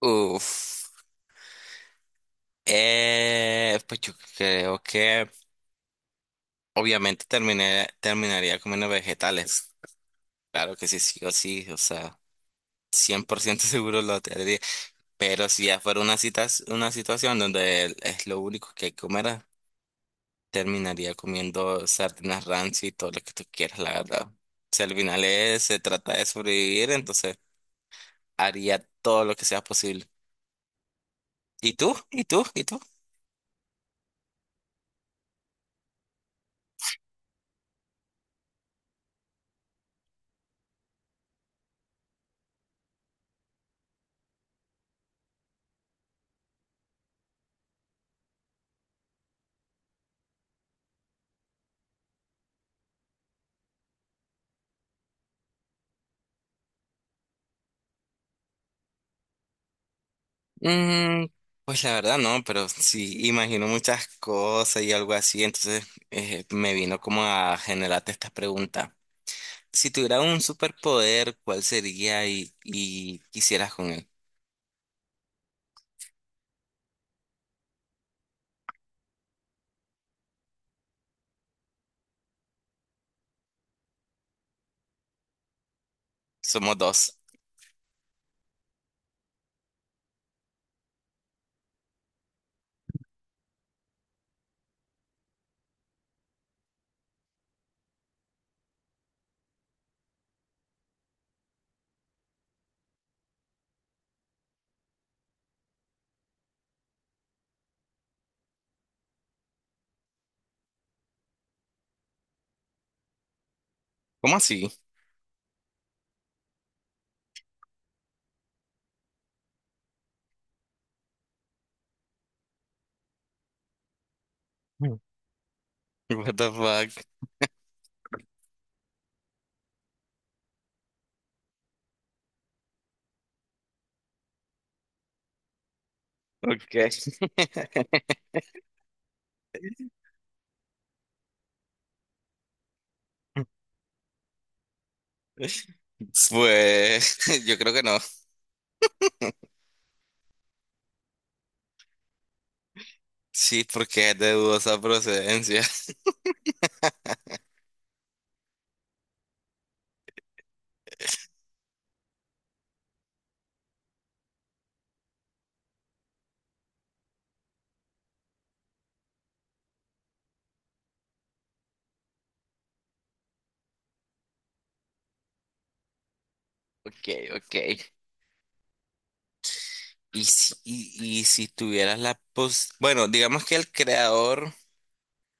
Uf. Pues yo creo que obviamente terminaría comiendo vegetales. Claro que sí, sí o sí, o sea, 100% seguro lo tendría. Pero si ya fuera una cita, una situación donde es lo único que hay que comer, terminaría comiendo sardinas rancia y todo lo que tú quieras, la verdad. Si al final se trata de sobrevivir, entonces haría todo lo que sea posible. ¿Y tú? ¿Y tú? ¿Y tú? Mm, pues la verdad no, pero sí imagino muchas cosas y algo así, entonces me vino como a generarte esta pregunta. Si tuviera un superpoder, ¿cuál sería y quisieras con él? Somos dos. ¿Cómo así? Mm. What the fuck? Okay. Pues yo creo que no. Sí, porque es de dudosa procedencia. Okay, okay. Y y si tuvieras la pos... Bueno, digamos que el creador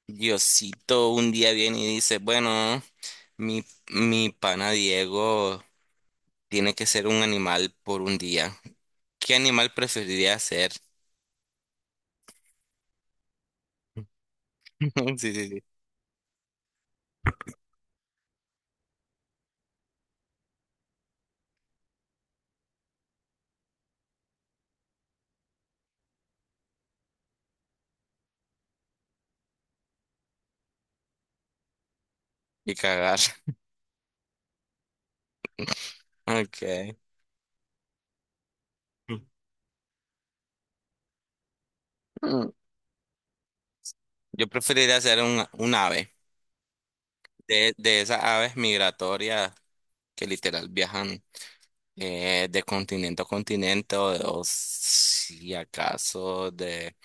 Diosito un día viene y dice, bueno, mi, mi pana Diego tiene que ser un animal por un día. ¿Qué animal preferiría ser? Sí, sí, sí. Y cagar. Okay. Mm. Yo preferiría ser un ave. De esas aves migratorias que literal viajan de continente a continente o si acaso de,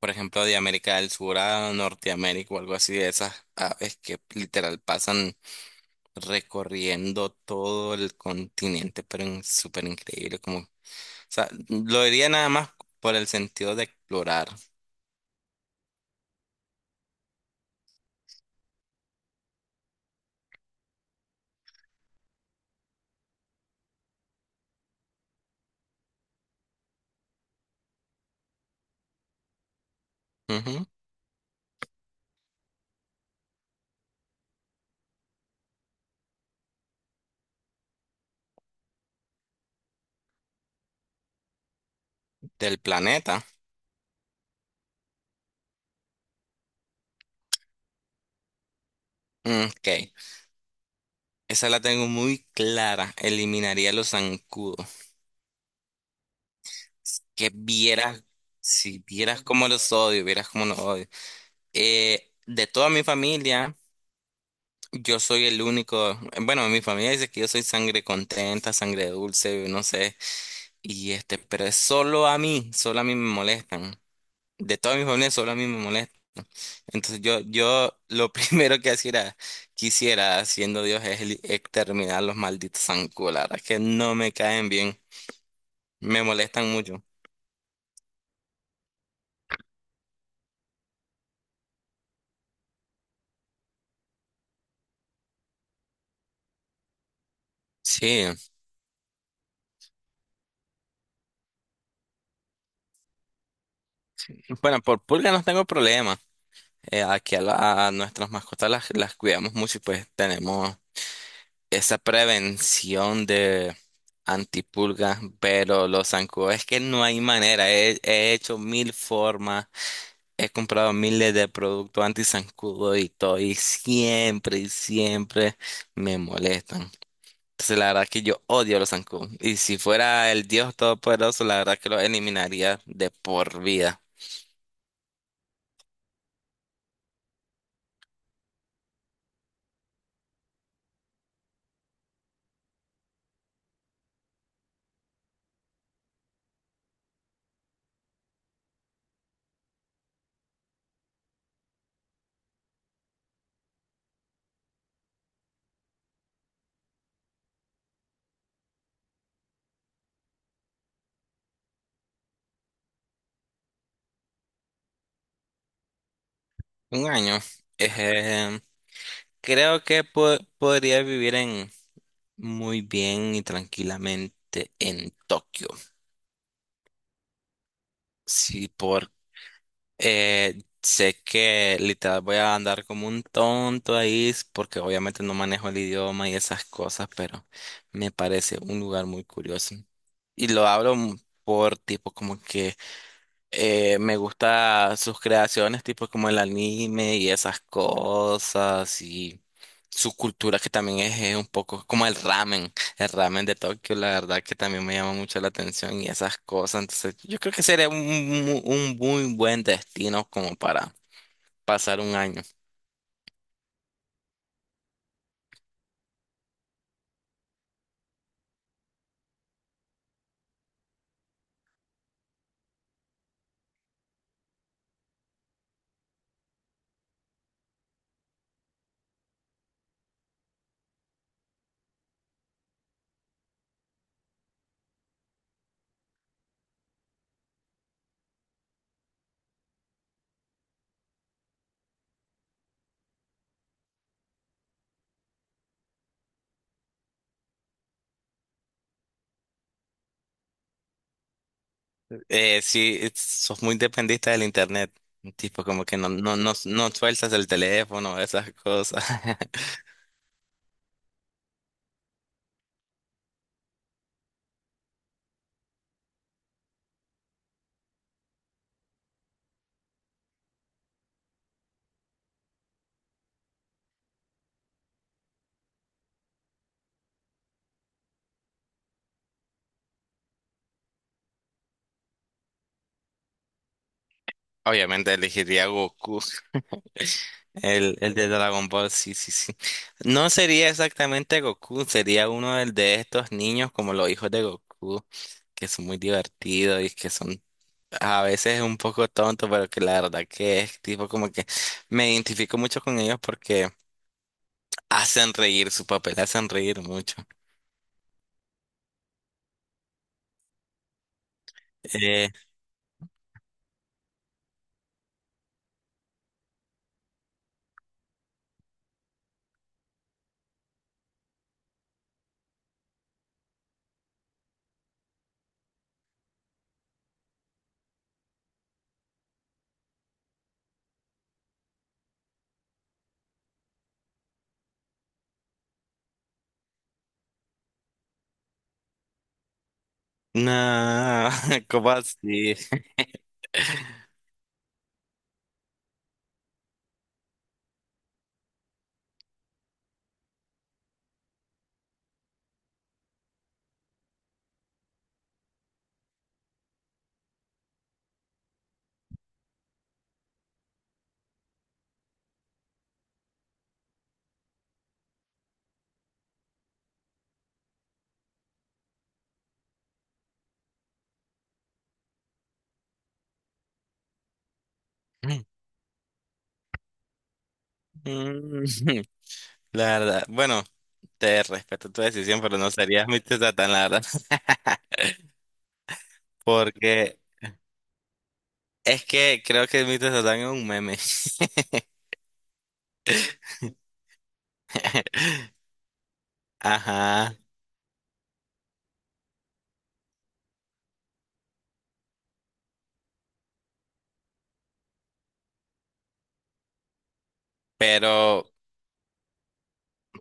por ejemplo, de América del Sur a Norteamérica o algo así, de esas aves que literal pasan, recorriendo todo el continente, súper increíble. Como, o sea, lo diría nada más por el sentido de explorar. Ujú, del planeta. Mm, ok, esa la tengo muy clara. Eliminaría los zancudos. Que vieras, si vieras cómo los odio, vieras cómo los odio. De toda mi familia. Yo soy el único, bueno, mi familia dice que yo soy sangre contenta, sangre dulce, no sé, y este, pero es solo a mí me molestan. De toda mi familia solo a mí me molesta. Entonces yo lo primero que hiciera, quisiera, siendo Dios, es exterminar los malditos zancudos. La verdad es que no me caen bien. Me molestan mucho. Sí. Bueno, por pulga no tengo problema. Aquí a nuestras mascotas las cuidamos mucho y pues tenemos esa prevención de antipulga, pero los zancudos es que no hay manera. He hecho mil formas. He comprado miles de productos anti-zancudo y todo, y siempre me molestan. Entonces, la verdad que yo odio los zancudos. Y si fuera el Dios Todopoderoso, la verdad que los eliminaría de por vida. Un año. Ejem, creo que podría vivir en muy bien y tranquilamente en Tokio. Sí, sé que literal voy a andar como un tonto ahí porque obviamente no manejo el idioma y esas cosas, pero me parece un lugar muy curioso. Y lo hablo por tipo como que me gusta sus creaciones, tipo como el anime y esas cosas, y su cultura que también es, un poco como el ramen de Tokio, la verdad que también me llama mucho la atención y esas cosas. Entonces, yo creo que sería un muy buen destino como para pasar un año. Sí, sos muy dependista del internet, tipo como que no sueltas el teléfono, esas cosas. Obviamente elegiría Goku. El de Dragon Ball, sí, sí, sí. No sería exactamente Goku, sería uno del de estos niños como los hijos de Goku, que son muy divertidos y que son a veces un poco tontos, pero que la verdad que es tipo como que me identifico mucho con ellos porque hacen reír, su papel hacen reír mucho. Eh, no, ¿cómo así? Mm, la verdad, bueno, te respeto tu decisión, pero no serías mi Satán, la verdad, porque es que creo que el mito de Satán es un meme. Ajá. Pero,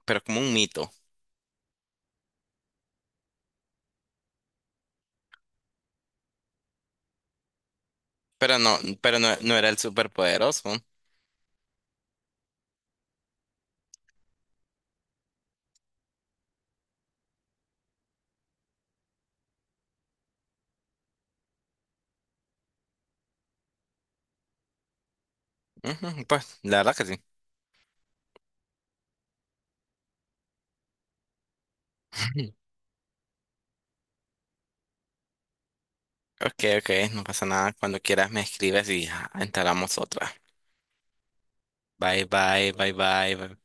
pero como un mito. Pero no, no era el superpoderoso. Ujú, pues, la verdad que sí. Ok, ok, no pasa nada. Cuando quieras me escribes y entablamos otra. Bye, bye, bye, bye, bye.